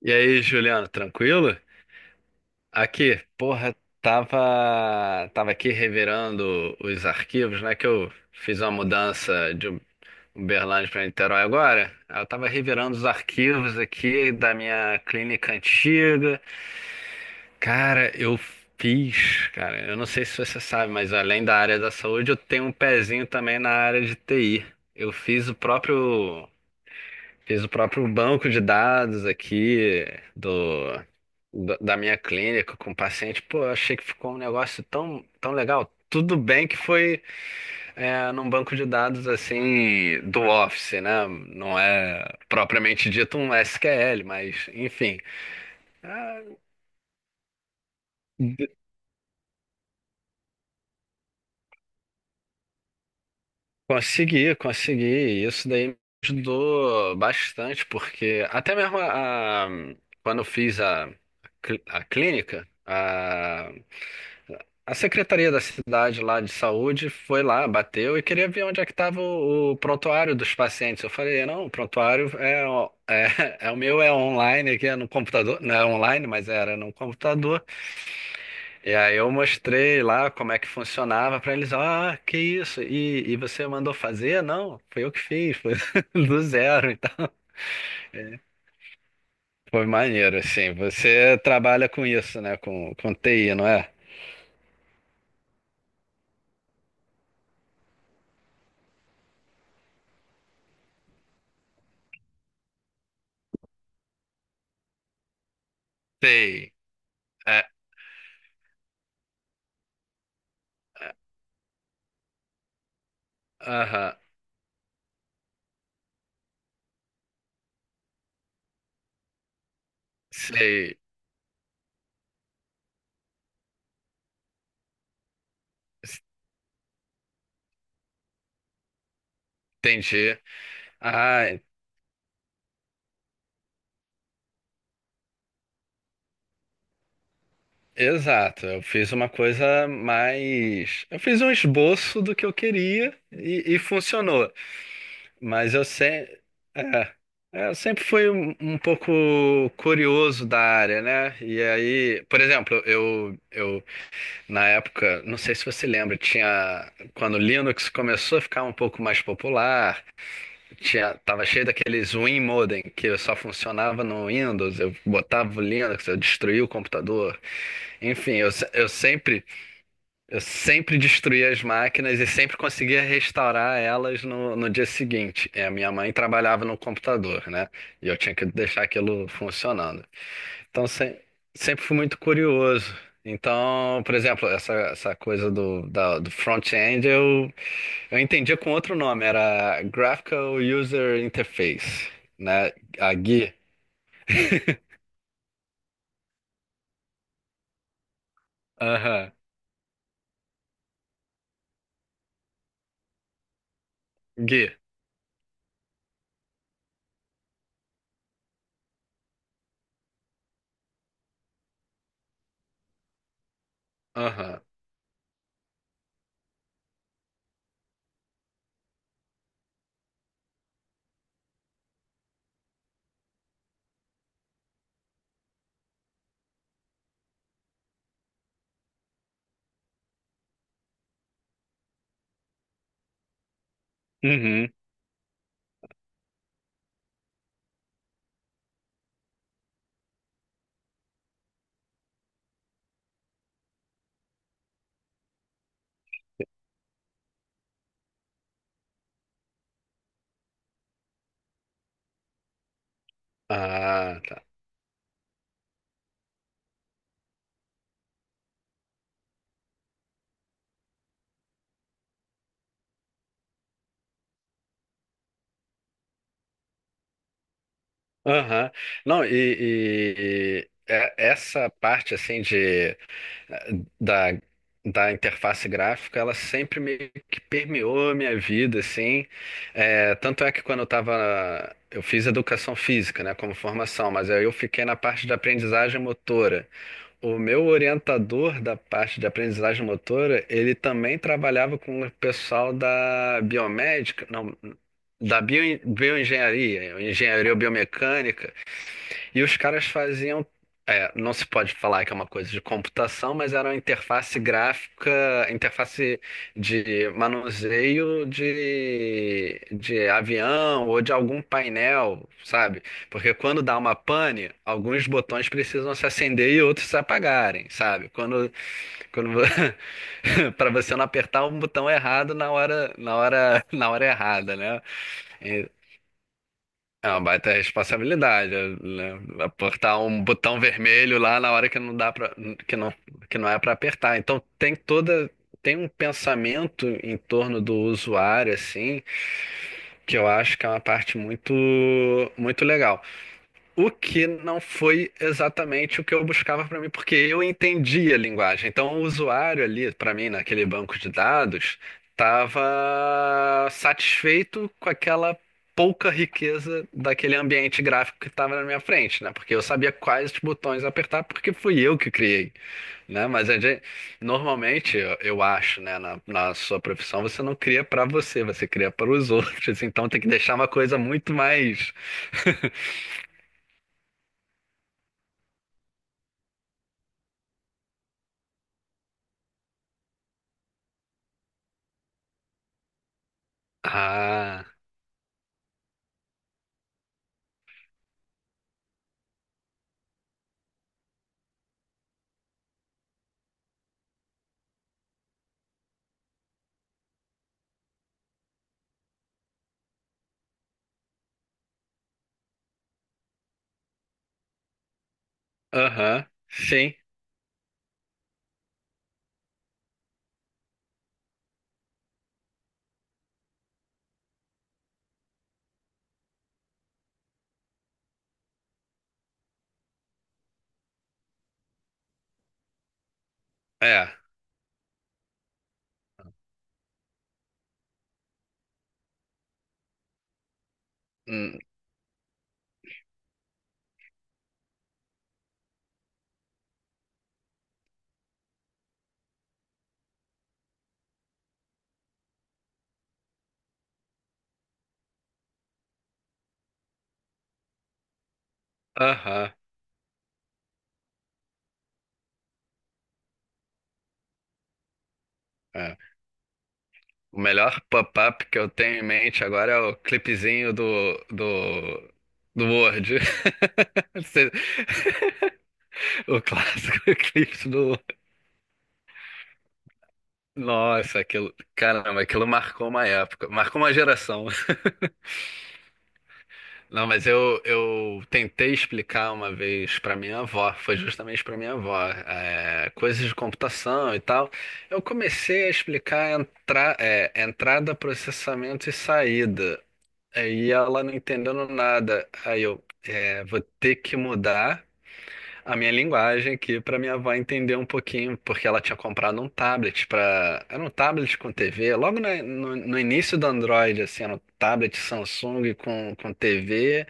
E aí, Juliano, tranquilo? Aqui, porra, tava aqui revirando os arquivos, né? Que eu fiz uma mudança de Uberlândia para Niterói agora. Aí eu tava revirando os arquivos aqui da minha clínica antiga. Cara, eu cara, eu não sei se você sabe, mas além da área da saúde, eu tenho um pezinho também na área de TI. Eu fiz o próprio Fiz o próprio banco de dados aqui do, da da minha clínica com o paciente. Pô, eu achei que ficou um negócio tão legal. Tudo bem que foi num banco de dados assim do Office, né? Não é propriamente dito um SQL, mas enfim. Ah, Consegui, consegui. Isso daí me ajudou bastante, porque até mesmo quando eu fiz a clínica, a secretaria da cidade lá de saúde foi lá, bateu e queria ver onde é que estava o prontuário dos pacientes. Eu falei, não, o prontuário é o meu, é online aqui, é no computador. Não é online, mas era no computador. E aí eu mostrei lá como é que funcionava pra eles, ah, que isso? E você mandou fazer? Não, foi eu que fiz, foi do zero, então. Foi maneiro, assim. Você trabalha com isso, né? Com TI, não é? Sei. É, é, aham, sei. Entendi. Ah, exato. Eu fiz uma coisa mais. Eu fiz um esboço do que eu queria e funcionou. Mas eu, se... é, é, eu sempre fui um pouco curioso da área, né? E aí, por exemplo, eu na época, não sei se você lembra, tinha quando o Linux começou a ficar um pouco mais popular, tava cheio daqueles WinModem que só funcionava no Windows, eu botava o Linux, eu destruía o computador. Enfim, eu, se- eu sempre destruía as máquinas e sempre conseguia restaurar elas no, no dia seguinte. É a minha mãe trabalhava no computador, né? E eu tinha que deixar aquilo funcionando. Então, sempre fui muito curioso. Então, por exemplo, essa coisa do front-end eu entendia com outro nome, era Graphical User Interface, né? A GUI. Aham, GUI. Aham. Uhum. Ah, tá. Aham. Não, e- é- Essa parte assim da, da interface gráfica, ela sempre meio que permeou a minha vida, assim. É, tanto é que quando eu tava, eu fiz educação física, né, como formação, mas aí eu fiquei na parte de aprendizagem motora. O meu orientador da parte de aprendizagem motora, ele também trabalhava com o pessoal da biomédica, não, da bio, bioengenharia, engenharia biomecânica. E os caras faziam. Não se pode falar que é uma coisa de computação, mas era uma interface gráfica, interface de manuseio de avião ou de algum painel, sabe? Porque quando dá uma pane, alguns botões precisam se acender e outros se apagarem, sabe? Quando para você não apertar um botão errado na hora errada, né? É uma baita responsabilidade, né? Apertar um botão vermelho lá na hora que não que não é para apertar. Tem um pensamento em torno do usuário assim, que eu acho que é uma parte muito legal. O que não foi exatamente o que eu buscava para mim, porque eu entendi a linguagem. Então, o usuário ali, para mim, naquele banco de dados, estava satisfeito com aquela pouca riqueza daquele ambiente gráfico que estava na minha frente, né? Porque eu sabia quais botões apertar, porque fui eu que criei, né? Mas a gente, normalmente, eu acho, né, na sua profissão, você não cria para você, você cria para os outros. Então, tem que deixar uma coisa muito mais. Ah. Aham, sim, é. Hum, Aham, é. O melhor pop-up que eu tenho em mente agora é o clipezinho do Word. Cê- O clássico clipe do. Nossa, aquilo. Caramba, aquilo marcou uma época, marcou uma geração. Não, mas eu tentei explicar uma vez pra minha avó, foi justamente pra minha avó, é, coisas de computação e tal. Eu comecei a explicar entrada, processamento e saída. Aí ela não entendendo nada. Aí vou ter que mudar a minha linguagem aqui para minha avó entender um pouquinho, porque ela tinha comprado um tablet para, era um tablet com TV, logo na- no, no início do Android, assim, era um tablet Samsung com TV.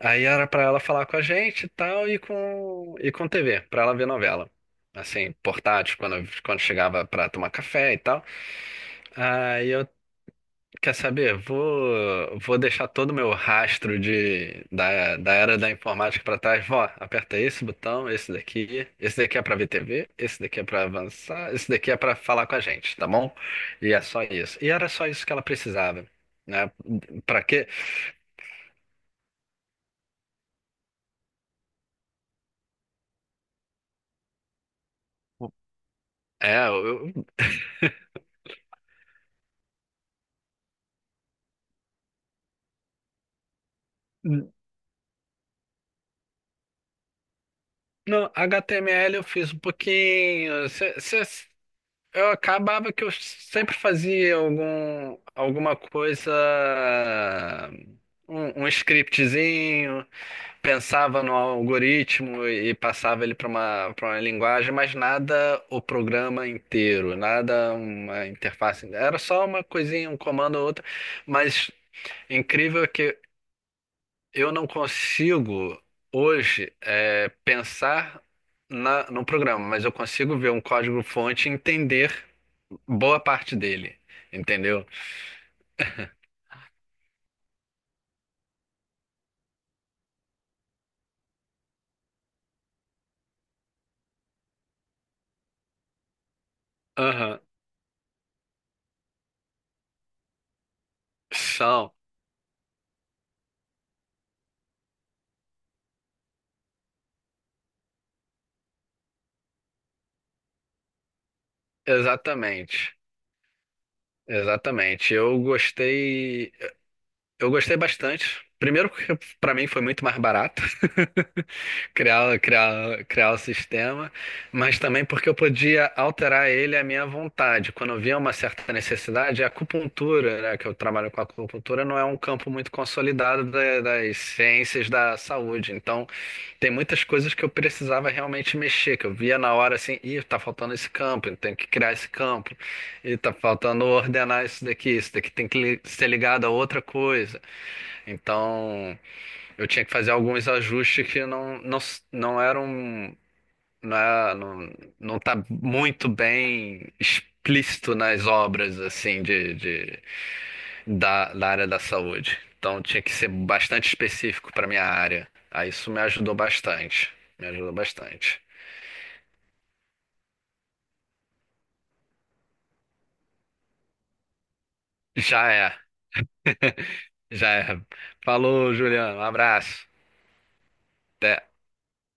Aí era para ela falar com a gente e tal e com TV, para ela ver novela. Assim, portátil, quando chegava para tomar café e tal. Aí eu quer saber? Vou deixar todo o meu rastro da era da informática para trás. Vó, aperta esse botão, esse daqui é para ver TV, esse daqui é para avançar, esse daqui é para falar com a gente, tá bom? E é só isso. E era só isso que ela precisava, né? Para quê? É, eu, eu- no HTML eu fiz um pouquinho. Eu acabava que eu sempre fazia alguma coisa, um scriptzinho, pensava no algoritmo e passava ele para uma linguagem, mas nada o programa inteiro, nada uma interface. Era só uma coisinha, um comando ou outro, mas incrível que eu não consigo hoje pensar no programa, mas eu consigo ver um código-fonte e entender boa parte dele, entendeu? Aham, são, exatamente, exatamente. Eu gostei. Eu gostei bastante. Primeiro porque para mim foi muito mais barato criar o sistema, mas também porque eu podia alterar ele à minha vontade. Quando eu via uma certa necessidade, a acupuntura, né, que eu trabalho com acupuntura, não é um campo muito consolidado das ciências da saúde. Então, tem muitas coisas que eu precisava realmente mexer, que eu via na hora assim, ih, tá faltando esse campo, eu tenho que criar esse campo, e tá faltando ordenar isso daqui tem que ser ligado a outra coisa. Então, eu tinha que fazer alguns ajustes que não, não, s- não eram, não, é- não, não tá muito bem explícito nas obras, assim, da área da saúde. Então, tinha que ser bastante específico para minha área. Aí, isso me ajudou bastante. Me ajudou bastante. Já é, já é. Falou, Juliano. Um abraço. Até.